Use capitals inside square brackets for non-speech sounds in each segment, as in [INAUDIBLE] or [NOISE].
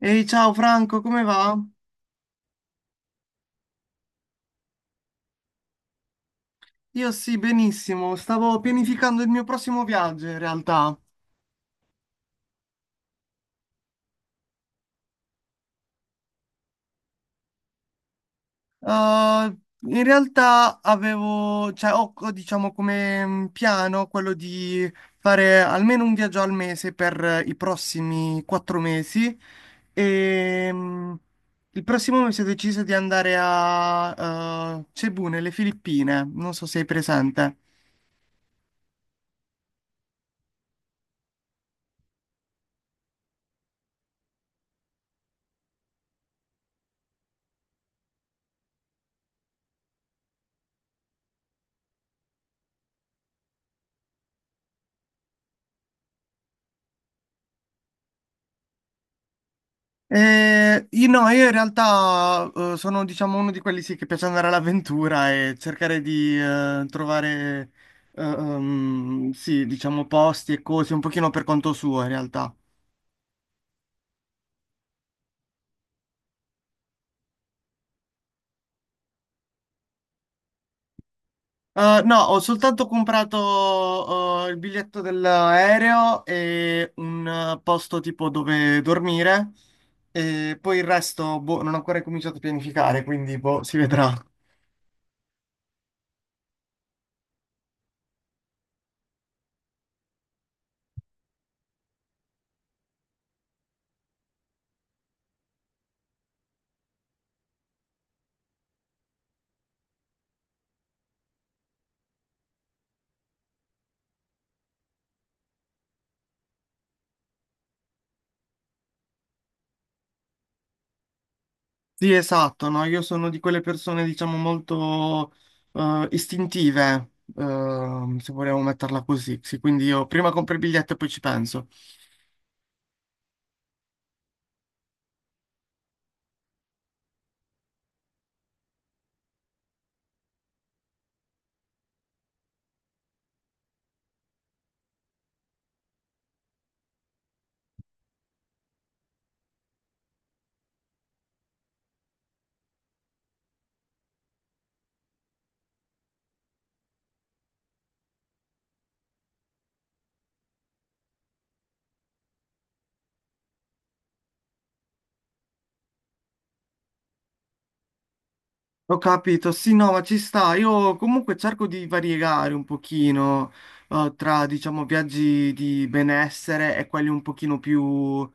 Ehi, ciao Franco, come va? Io sì, benissimo. Stavo pianificando il mio prossimo viaggio in realtà. Eh, In realtà avevo, cioè, ho, diciamo come piano quello di fare almeno un viaggio al mese per i prossimi 4 mesi. E il prossimo mese ho deciso di andare a Cebu, nelle Filippine. Non so se sei presente. Io no, io in realtà sono diciamo uno di quelli sì, che piace andare all'avventura e cercare di trovare sì, diciamo posti e cose un pochino per conto suo in realtà. No, ho soltanto comprato il biglietto dell'aereo e un posto tipo dove dormire e poi il resto boh, non ho ancora cominciato a pianificare, quindi boh, si vedrà. Sì, esatto, no? Io sono di quelle persone, diciamo, molto istintive, se vogliamo metterla così. Sì, quindi io prima compro il biglietto e poi ci penso. Ho capito, sì, no, ma ci sta. Io comunque cerco di variegare un pochino, tra, diciamo, viaggi di benessere e quelli un pochino più,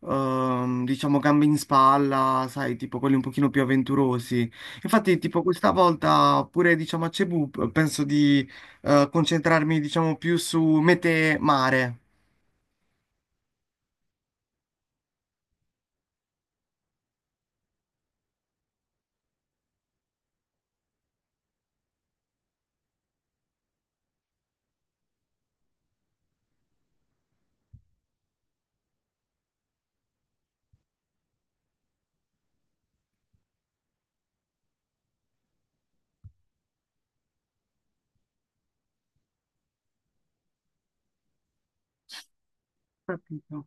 diciamo, gambe in spalla, sai, tipo quelli un pochino più avventurosi. Infatti, tipo, questa volta pure, diciamo, a Cebu penso di concentrarmi, diciamo, più su mete mare. Capito.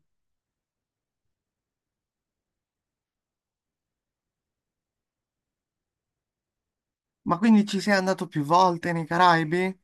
Ma quindi ci sei andato più volte nei Caraibi?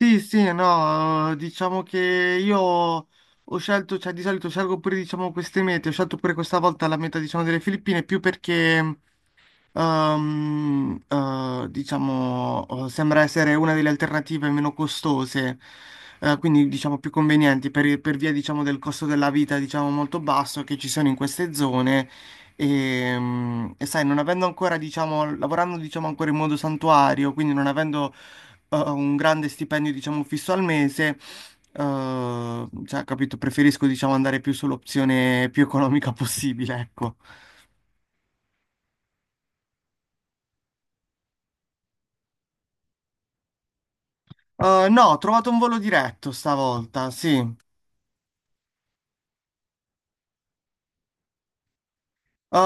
Sì, sì, no, diciamo che io ho scelto, cioè di solito scelgo pure diciamo queste mete, ho scelto pure questa volta la meta diciamo delle Filippine più perché diciamo, sembra essere una delle alternative meno costose, quindi diciamo più convenienti per via, diciamo, del costo della vita, diciamo, molto basso che ci sono in queste zone. E sai, non avendo ancora, diciamo, lavorando, diciamo, ancora in modo santuario, quindi non avendo un grande stipendio, diciamo, fisso al mese, cioè, capito, preferisco, diciamo, andare più sull'opzione più economica possibile, ecco. No, ho trovato un volo diretto stavolta, sì.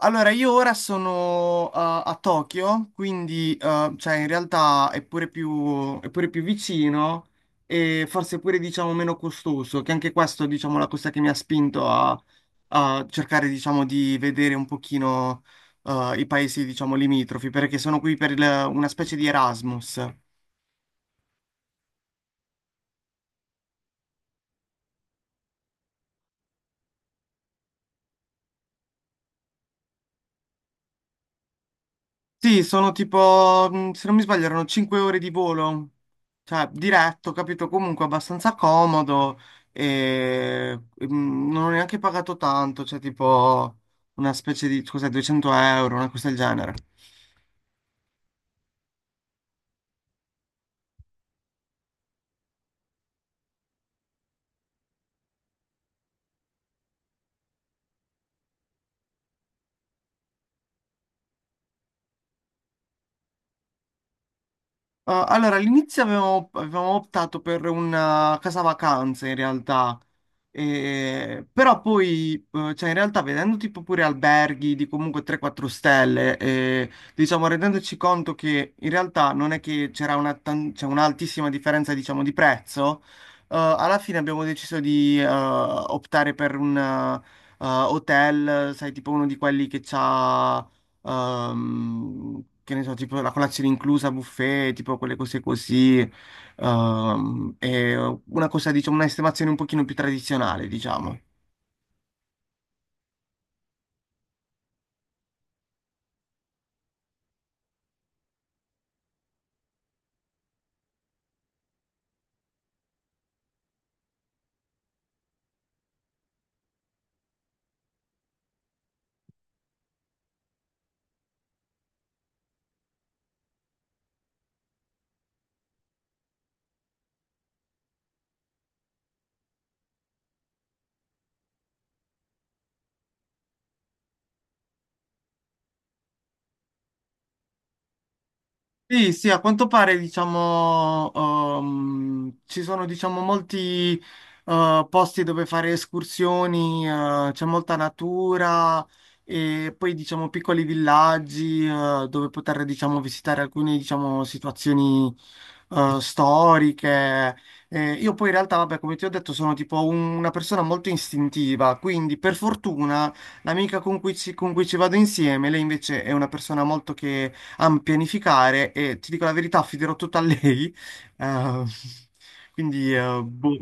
Allora, io ora sono a Tokyo, quindi cioè, in realtà è pure più vicino e forse pure diciamo meno costoso, che anche questo diciamo la cosa che mi ha spinto a cercare diciamo di vedere un pochino i paesi diciamo limitrofi, perché sono qui per una specie di Erasmus. Sì, sono tipo, se non mi sbaglio, erano 5 ore di volo, cioè diretto, capito? Comunque abbastanza comodo e non ho neanche pagato tanto, cioè tipo una specie di, cos'è, 200 euro, una cosa del genere. Allora, all'inizio avevamo optato per una casa vacanza in realtà, però poi cioè in realtà vedendo tipo pure alberghi di comunque 3-4 stelle, e, diciamo rendendoci conto che in realtà non è che c'era c'è un'altissima differenza diciamo di prezzo, alla fine abbiamo deciso di optare per un hotel, sai tipo uno di quelli che c'ha che ne so, tipo la colazione inclusa, buffet, tipo quelle cose così, è una cosa, diciamo, un'estimazione un pochino più tradizionale, diciamo. Sì, sì, a quanto pare, diciamo, ci sono, diciamo, molti, posti dove fare escursioni, c'è molta natura e poi, diciamo, piccoli villaggi, dove poter, diciamo, visitare alcune, diciamo, situazioni, storiche. Io poi in realtà, vabbè, come ti ho detto, sono tipo una persona molto istintiva, quindi per fortuna l'amica con cui ci vado insieme, lei invece è una persona molto che a pianificare e ti dico la verità, affiderò tutto a lei. Eh, [LAUGHS] quindi, boh.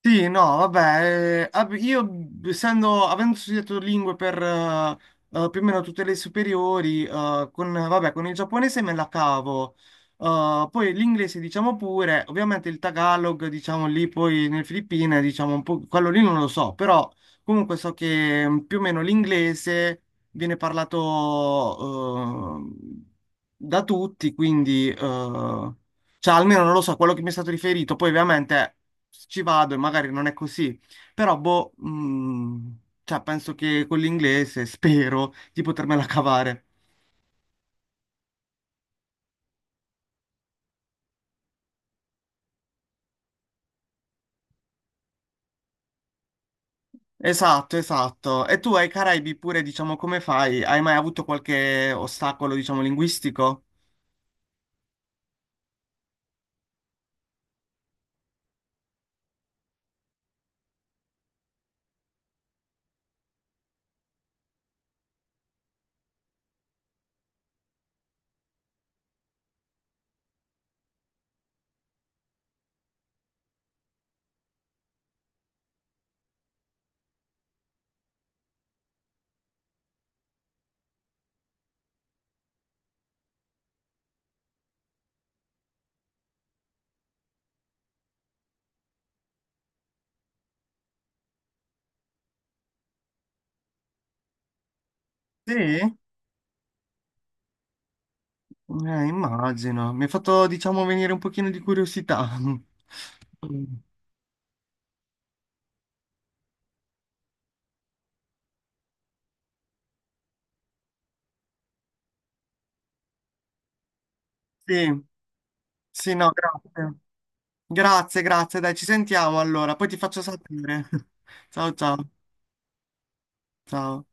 Sì, no, vabbè, io essendo, avendo studiato lingue per più o meno tutte le superiori, con, vabbè, con il giapponese me la cavo. Poi l'inglese diciamo pure, ovviamente il Tagalog diciamo lì poi nelle Filippine diciamo un po', quello lì non lo so, però comunque so che più o meno l'inglese viene parlato da tutti, quindi, cioè, almeno non lo so, quello che mi è stato riferito. Poi, ovviamente ci vado e magari non è così, però boh, cioè penso che con l'inglese [LAUGHS] spero di potermela cavare. Esatto, esatto. E tu ai Caraibi pure, diciamo, come fai? Hai mai avuto qualche ostacolo, diciamo, linguistico? Sì, immagino. Mi ha fatto, diciamo, venire un pochino di curiosità. [LAUGHS] Sì, sì, no, grazie. Grazie, grazie, dai, ci sentiamo allora, poi ti faccio sapere. [LAUGHS] Ciao, ciao, ciao.